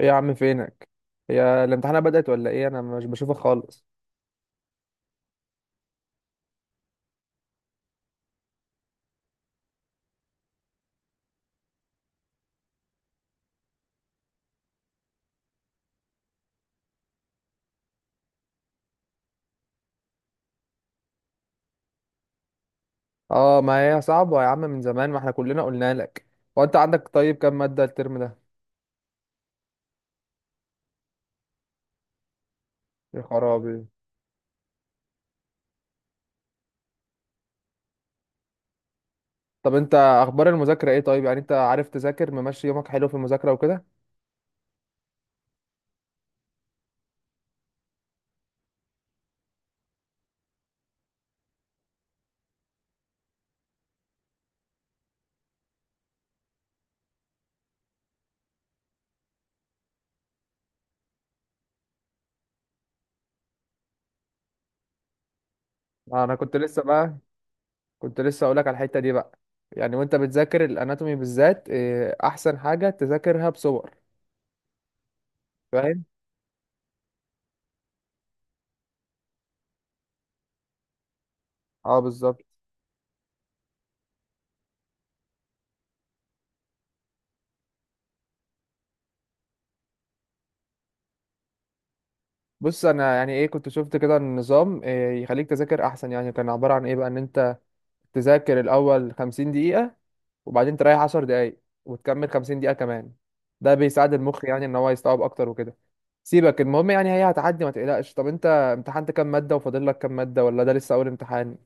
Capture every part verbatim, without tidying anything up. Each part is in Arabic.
ايه يا عم، فينك؟ هي الامتحانات بدأت ولا ايه؟ انا مش بشوفك خالص. اه، ما هي صعبة يا عم، من زمان ما احنا كلنا قلنا لك. هو انت عندك طيب كام مادة الترم ده؟ يا خرابي. طب انت اخبار المذاكرة ايه؟ طيب يعني انت عارف تذاكر، ممشي يومك حلو في المذاكرة وكده؟ انا كنت لسه بقى. كنت لسه اقولك على الحتة دي بقى. يعني وانت بتذاكر الاناتومي بالذات، إيه، احسن حاجة تذاكرها بصور. فاهم؟ اه، بالظبط. بص، انا يعني ايه كنت شفت كده النظام إيه يخليك تذاكر احسن، يعني كان عبارة عن ايه بقى ان انت تذاكر الأول خمسين دقيقة، وبعدين تريح عشر دقايق، وتكمل خمسين دقيقة كمان. ده بيساعد المخ يعني إن هو يستوعب أكتر وكده. سيبك، المهم يعني هي هتعدي ما تقلقش. طب أنت امتحنت كام مادة وفاضل لك كام مادة، ولا ده لسه أول امتحان؟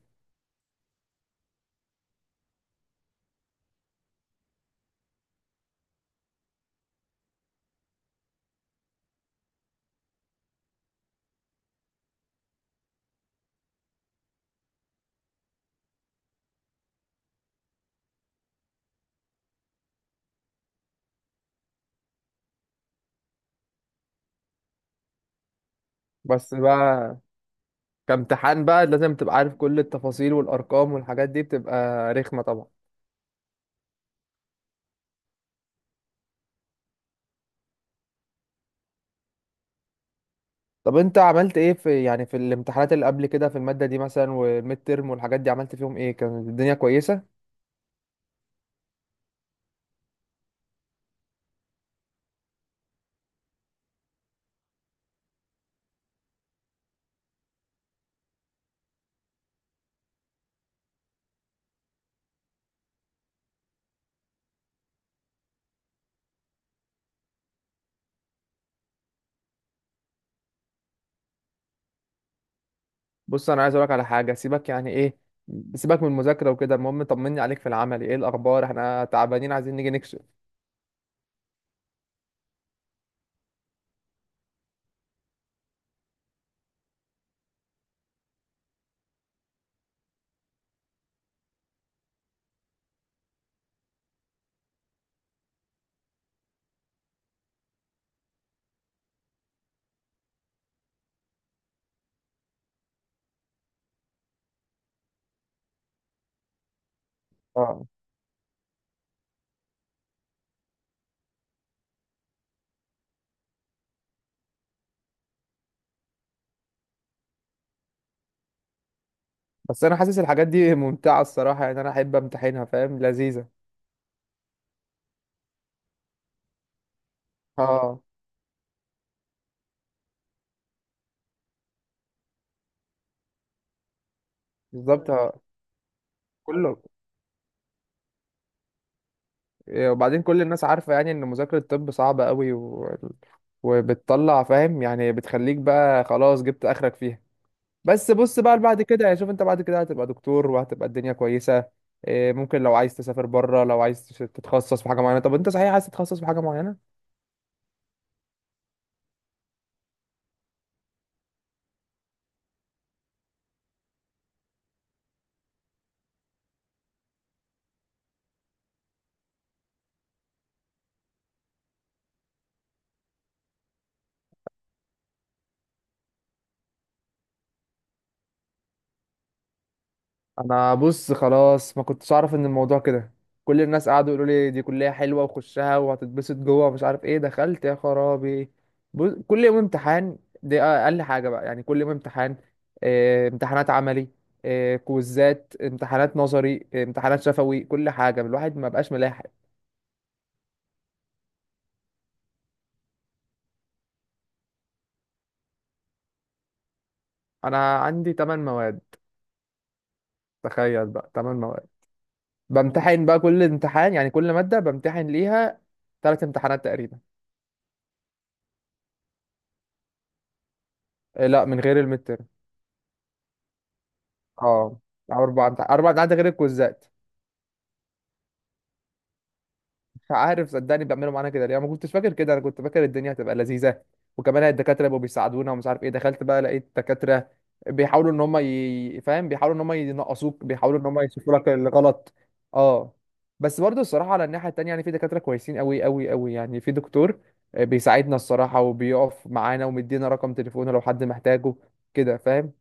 بس بقى كامتحان بقى لازم تبقى عارف كل التفاصيل والأرقام والحاجات دي، بتبقى رخمة طبعا. طب أنت عملت إيه في، يعني في الامتحانات اللي قبل كده في المادة دي مثلا والميد تيرم والحاجات دي، عملت فيهم إيه؟ كانت الدنيا كويسة؟ بص، انا عايز اقولك على حاجه. سيبك يعني ايه، سيبك من المذاكره وكده. المهم طمني عليك، في العمل ايه الاخبار؟ احنا تعبانين عايزين نيجي نكشف. اه. بس انا حاسس الحاجات دي ممتعه الصراحه، يعني انا احب امتحنها، فاهم؟ لذيذه. اه، بالظبط. آه. كله. إيه، وبعدين كل الناس عارفه يعني ان مذاكره الطب صعبه قوي و... وبتطلع فاهم يعني، بتخليك بقى خلاص جبت اخرك فيها. بس بص بقى، بعد كده يعني شوف انت بعد كده هتبقى دكتور وهتبقى الدنيا كويسة. إيه، ممكن لو عايز تسافر بره، لو عايز تش- تتخصص في حاجة معينة. طب انت صحيح عايز تتخصص في حاجة معينة؟ انا بص، خلاص ما كنتش اعرف ان الموضوع كده. كل الناس قعدوا يقولوا لي دي كلية حلوة وخشها وهتتبسط جوه ومش عارف ايه، دخلت يا خرابي. بص، كل يوم امتحان. دي اقل حاجة بقى يعني، كل يوم امتحان. إيه، امتحانات عملي، إيه، كويزات امتحانات نظري، إيه، امتحانات شفوي، كل حاجة. الواحد ما بقاش ملاحق. انا عندي ثمانية مواد. تخيل بقى تمن مواد. بامتحن بقى كل امتحان، يعني كل مادة بامتحن ليها ثلاث امتحانات تقريبا. إيه؟ لا، من غير المتر. اه، أو اربع امتحانات اربع امتحانات غير الكوزات. مش عارف صدقني، بيعملوا معانا كده ليه؟ انا ما كنتش فاكر كده، انا كنت فاكر الدنيا هتبقى لذيذه. وكمان الدكاتره بيبقوا بيساعدونا ومش عارف ايه. دخلت بقى لقيت دكاتره بيحاولوا ان هم ي... فاهم، بيحاولوا ان هم ينقصوك، بيحاولوا ان هم يشوفوا لك الغلط. اه، بس برضه الصراحه على الناحيه التانيه، يعني في دكاتره كويسين قوي قوي قوي، يعني في دكتور بيساعدنا الصراحه وبيقف معانا ومدينا رقم تليفونه لو حد محتاجه، كده فاهم؟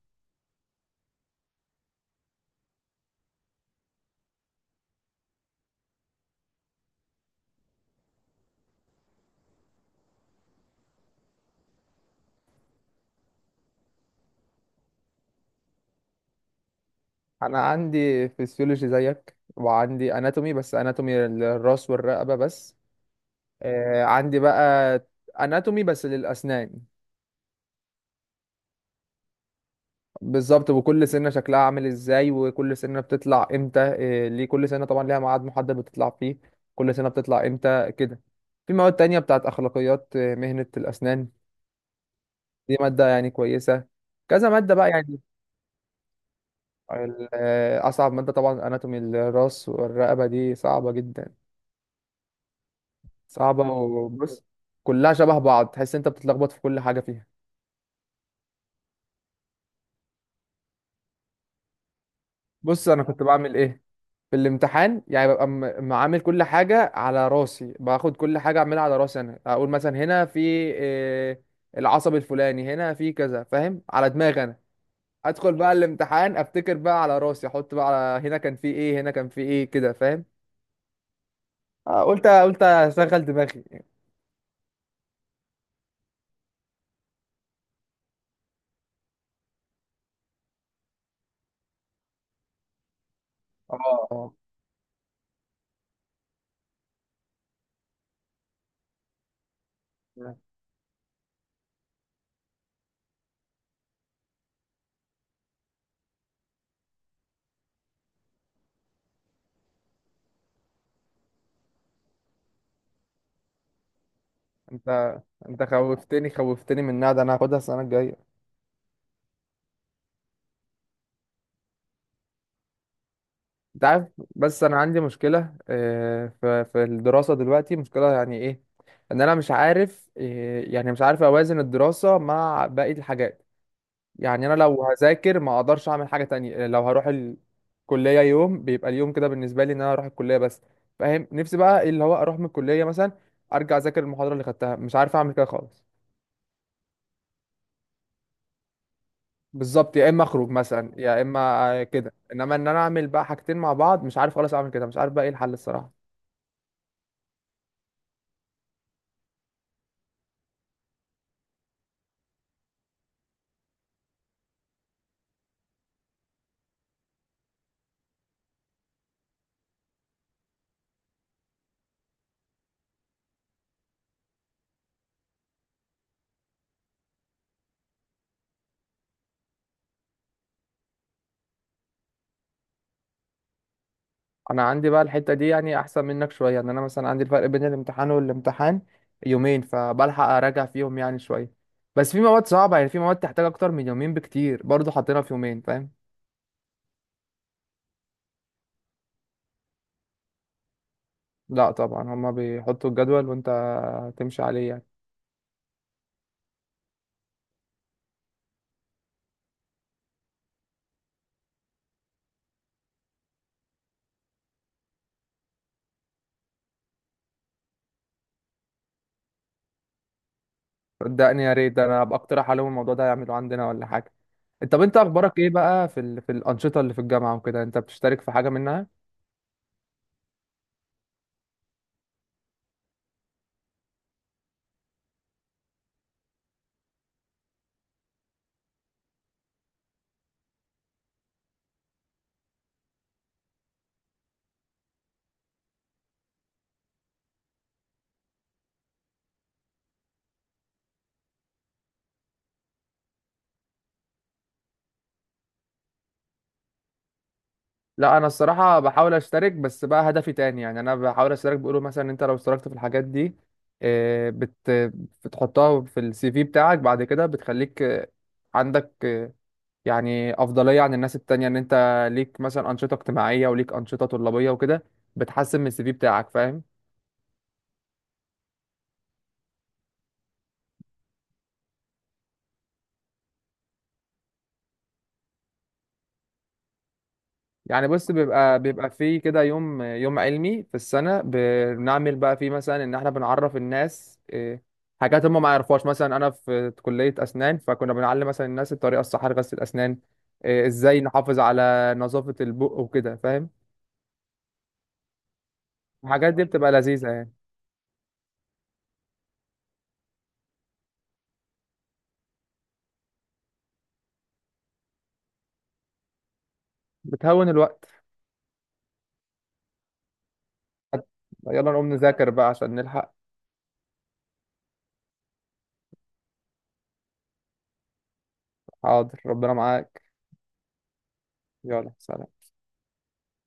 انا عندي فيسيولوجي زيك، وعندي اناتومي بس اناتومي الراس والرقبه بس. آه، عندي بقى اناتومي بس للاسنان. بالظبط، وكل سنه شكلها عامل ازاي، وكل سنه بتطلع امتى، آه، ليه كل سنه طبعا ليها ميعاد محدد بتطلع فيه، كل سنه بتطلع امتى كده. في مواد تانية بتاعت اخلاقيات آه، مهنه الاسنان. دي ماده يعني كويسه، كذا ماده بقى يعني. ال- آه، اصعب ماده طبعا اناتومي الراس والرقبه دي صعبه جدا. صعبه. وبص كلها شبه بعض، تحس انت بتتلخبط في كل حاجه فيها. بص انا كنت بعمل ايه في الامتحان، يعني ببقى م- معامل كل حاجة على راسي، باخد كل حاجة أعملها على راسي أنا، أقول مثلا هنا في إيه، العصب الفلاني، هنا في كذا، فاهم على دماغي أنا. أدخل بقى الامتحان، أفتكر بقى على راسي، أحط بقى على هنا كان في إيه، هنا كان في إيه، كده فاهم؟ آه، قلت قلت أشغل دماغي. اه. آه. أنت أنت خوفتني خوفتني من ده، أنا هاخدها السنة الجاية. انت عارف. بس انا عندي مشكله، آه، في في الدراسه دلوقتي، مشكله يعني ايه، ان انا مش عارف، آه، يعني مش عارف اوازن الدراسه مع باقي الحاجات. يعني انا لو هذاكر ما اقدرش اعمل حاجه تانية، آه، لو هروح الكليه يوم بيبقى اليوم كده بالنسبه لي ان انا اروح الكليه بس. فاهم؟ نفسي بقى إيه اللي هو اروح من الكليه مثلا، ارجع اذاكر المحاضره اللي خدتها، مش عارف اعمل كده خالص. بالظبط، يا اما اخرج مثلا يا اما. آه، كده انما ان انا اعمل بقى حاجتين مع بعض، مش عارف خالص اعمل كده، مش عارف بقى ايه الحل الصراحه. انا عندي بقى الحته دي يعني احسن منك شويه، ان انا مثلا عندي الفرق بين الامتحان والامتحان يومين، فبلحق اراجع فيهم يعني شويه. بس في مواد صعبه، يعني في مواد تحتاج اكتر من يومين بكتير، برضه حاطينها في يومين، فاهم؟ لا طبعا، هما بيحطوا الجدول وانت تمشي عليه يعني. صدقني يا ريت، ده انا هبقى اقترح عليهم الموضوع ده يعملوه عندنا ولا حاجه. طب انت اخبارك ايه بقى، في ال... في الانشطه اللي في الجامعه وكده، انت بتشترك في حاجه منها؟ لا، انا الصراحه بحاول اشترك بس بقى هدفي تاني، يعني انا بحاول اشترك بيقولوا مثلا انت لو اشتركت في الحاجات دي آه، بت بتحطها في السي في بتاعك بعد كده بتخليك آه، عندك آه، يعني افضليه عن الناس التانية ان انت ليك مثلا انشطه اجتماعيه وليك انشطه طلابيه وكده. بتحسن من السي في بتاعك، فاهم؟ يعني بص، بيبقى بيبقى فيه كده يوم يوم علمي في السنة، بنعمل بقى فيه مثلا ان احنا بنعرف الناس إيه، حاجات هم ما يعرفوهاش، مثلا انا في كلية اسنان فكنا بنعلم مثلا الناس الطريقة الصح لغسل الاسنان. إيه، ازاي نحافظ على نظافة البق وكده، فاهم؟ الحاجات دي بتبقى لذيذة يعني. بتهون الوقت. يلا نقوم نذاكر بقى عشان نلحق. حاضر، ربنا معاك. يلا سلام.